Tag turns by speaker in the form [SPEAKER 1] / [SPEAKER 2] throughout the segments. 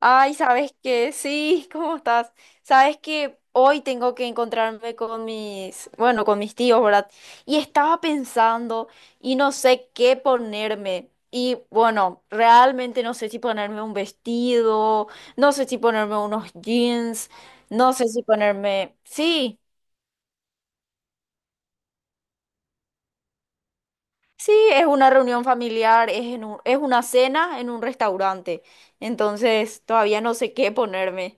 [SPEAKER 1] Ay, ¿sabes qué? Sí, ¿cómo estás? ¿Sabes que hoy tengo que encontrarme con mis, bueno, con mis tíos, ¿verdad? Y estaba pensando y no sé qué ponerme. Y bueno, realmente no sé si ponerme un vestido, no sé si ponerme unos jeans, no sé si ponerme... Sí, sí, es una reunión familiar, es en es una cena en un restaurante. Entonces, todavía no sé qué ponerme.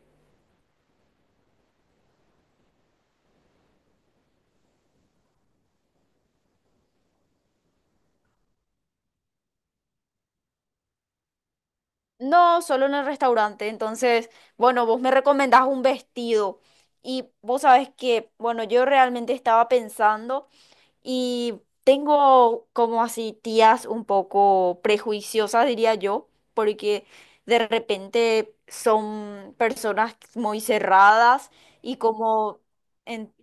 [SPEAKER 1] No, solo en el restaurante. Entonces, bueno, vos me recomendás un vestido y vos sabés que, bueno, yo realmente estaba pensando y tengo como así tías un poco prejuiciosas, diría yo, porque de repente son personas muy cerradas y como... en-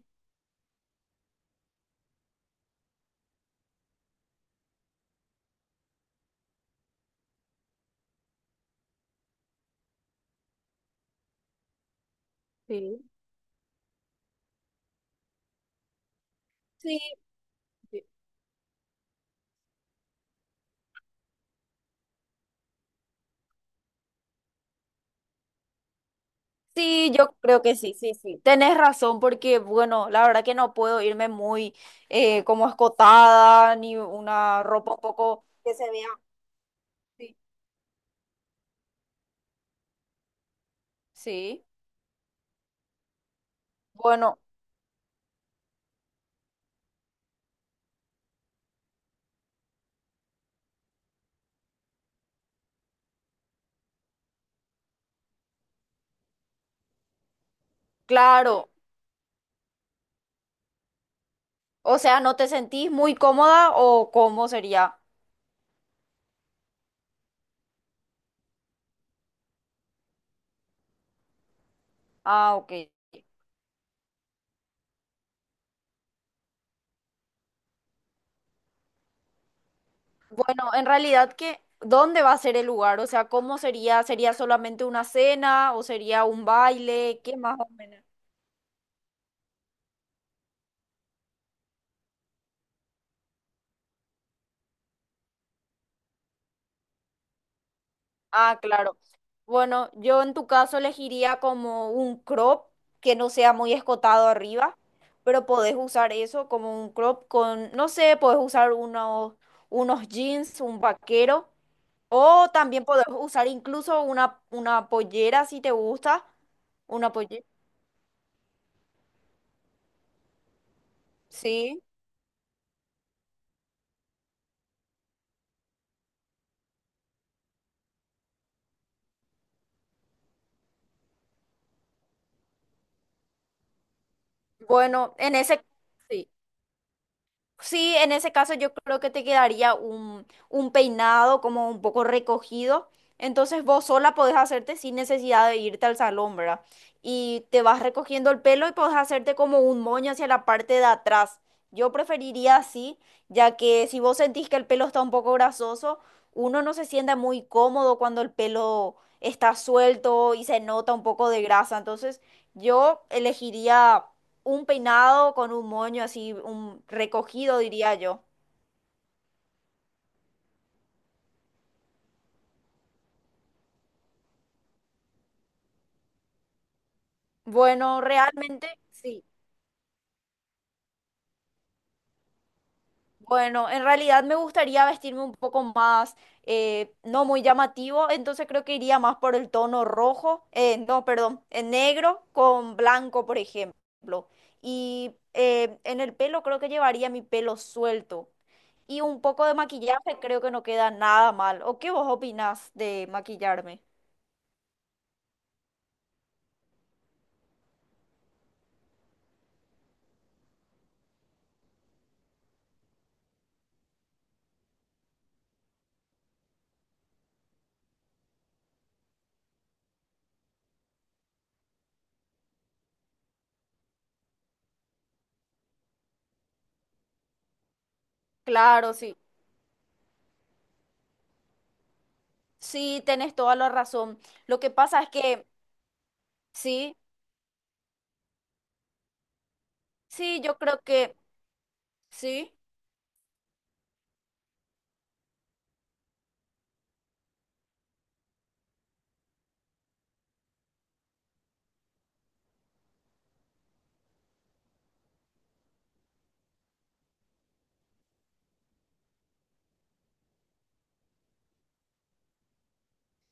[SPEAKER 1] Sí. Sí, sí. Sí, yo creo que sí, sí, sí. Tenés razón porque, bueno, la verdad que no puedo irme muy como escotada ni una ropa un poco que se vea. Sí. Sí. Bueno, claro. O sea, ¿no te sentís muy cómoda o cómo sería? Ah, ok. Bueno, en realidad que, ¿dónde va a ser el lugar? O sea, ¿cómo sería? ¿Sería solamente una cena o sería un baile? ¿Qué más o menos? Ah, claro. Bueno, yo en tu caso elegiría como un crop que no sea muy escotado arriba, pero podés usar eso como un crop con, no sé, podés usar unos, unos jeans, un vaquero, o también podés usar incluso una pollera si te gusta, una pollera. Sí, bueno, en ese... sí. Sí, en ese caso yo creo que te quedaría un peinado como un poco recogido. Entonces vos sola podés hacerte sin necesidad de irte al salón, ¿verdad? Y te vas recogiendo el pelo y podés hacerte como un moño hacia la parte de atrás. Yo preferiría así, ya que si vos sentís que el pelo está un poco grasoso, uno no se sienta muy cómodo cuando el pelo está suelto y se nota un poco de grasa. Entonces yo elegiría un peinado con un moño así, un recogido, diría yo. Bueno, realmente sí. Bueno, en realidad me gustaría vestirme un poco más, no muy llamativo, entonces creo que iría más por el tono rojo, no, perdón, en negro con blanco, por ejemplo. Y en el pelo creo que llevaría mi pelo suelto. Y un poco de maquillaje creo que no queda nada mal. ¿O qué vos opinás de maquillarme? Claro, sí. Sí, tenés toda la razón. Lo que pasa es que, sí, sí, yo creo que, sí.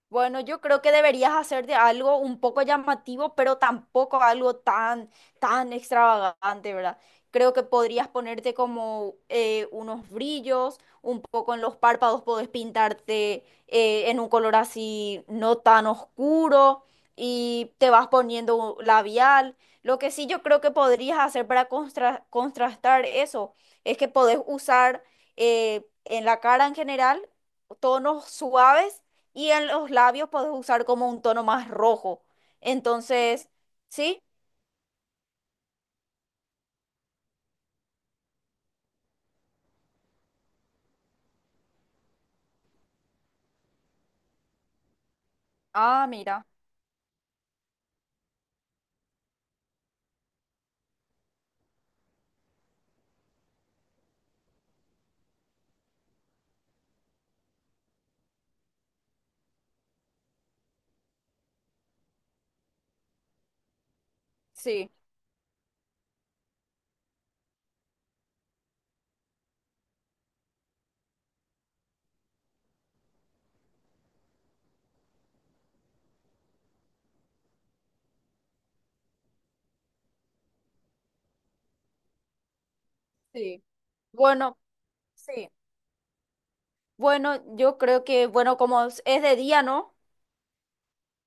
[SPEAKER 1] Bueno, yo creo que deberías hacerte algo un poco llamativo, pero tampoco algo tan, tan extravagante, ¿verdad? Creo que podrías ponerte como unos brillos, un poco en los párpados, podés pintarte en un color así no tan oscuro y te vas poniendo un labial. Lo que sí yo creo que podrías hacer para contrastar eso es que podés usar en la cara en general tonos suaves y en los labios puedes usar como un tono más rojo. Entonces, ¿sí? Ah, mira, sí, sí. Bueno, sí. Bueno, yo creo que, bueno, como es de día, ¿no?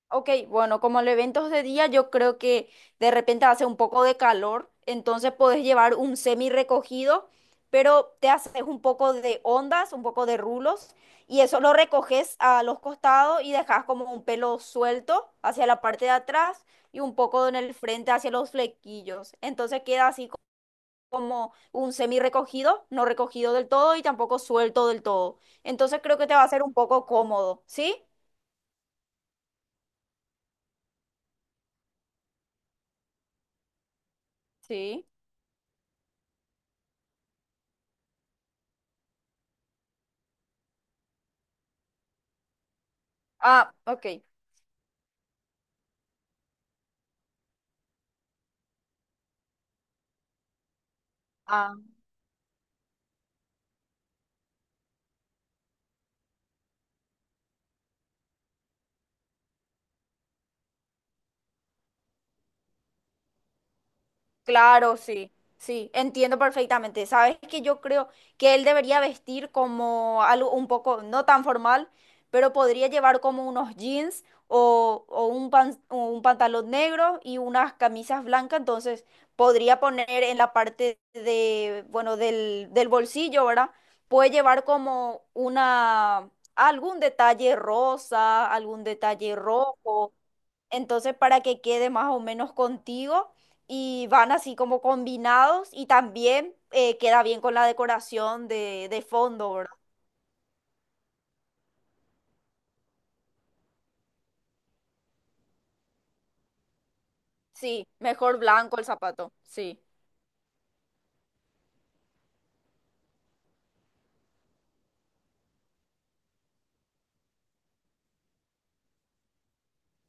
[SPEAKER 1] Ok, bueno, como el evento es de día, yo creo que de repente hace un poco de calor, entonces podés llevar un semi recogido, pero te haces un poco de ondas, un poco de rulos, y eso lo recoges a los costados y dejas como un pelo suelto hacia la parte de atrás y un poco en el frente hacia los flequillos. Entonces queda así co- como un semi recogido, no recogido del todo y tampoco suelto del todo. Entonces creo que te va a ser un poco cómodo, ¿sí? Sí. Ah, ok. Ah, claro, sí, sí, entiendo perfectamente. Sabes que yo creo que él debería vestir como algo un poco no tan formal, pero podría llevar como unos jeans o un o un pantalón negro y unas camisas blancas. Entonces podría poner en la parte de, bueno, del, del bolsillo, ¿verdad? Puede llevar como una, algún detalle rosa, algún detalle rojo. Entonces, para que quede más o menos contigo y van así como combinados y también queda bien con la decoración de fondo, ¿verdad? Sí, mejor blanco el zapato. Sí,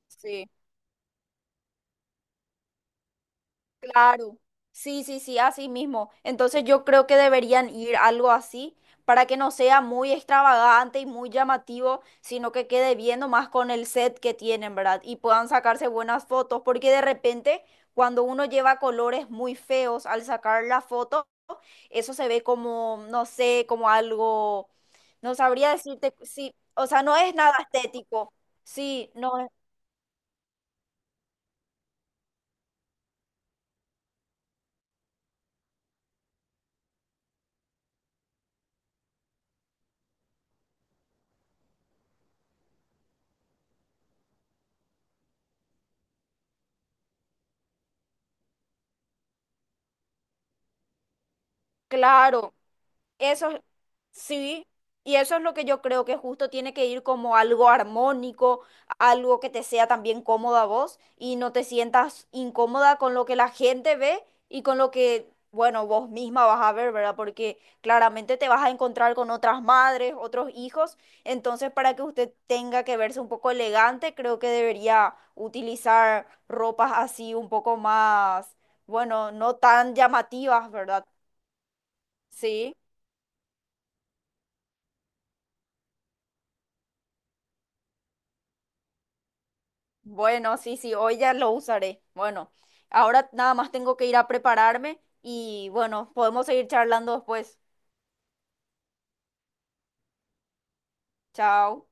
[SPEAKER 1] sí. Claro, sí, sí, sí, así mismo. Entonces yo creo que deberían ir algo así para que no sea muy extravagante y muy llamativo, sino que quede bien nomás con el set que tienen, ¿verdad? Y puedan sacarse buenas fotos, porque de repente cuando uno lleva colores muy feos al sacar la foto, eso se ve como, no sé, como algo, no sabría decirte, sí, o sea, no es nada estético, sí, no es, claro. Eso es- sí, y eso es lo que yo creo que justo tiene que ir como algo armónico, algo que te sea también cómoda a vos y no te sientas incómoda con lo que la gente ve y con lo que, bueno, vos misma vas a ver, ¿verdad? Porque claramente te vas a encontrar con otras madres, otros hijos, entonces para que usted tenga que verse un poco elegante, creo que debería utilizar ropas así un poco más, bueno, no tan llamativas, ¿verdad? Sí. Bueno, sí, sí, hoy ya lo usaré. Bueno, ahora nada más tengo que ir a prepararme y bueno, podemos seguir charlando después. Chao.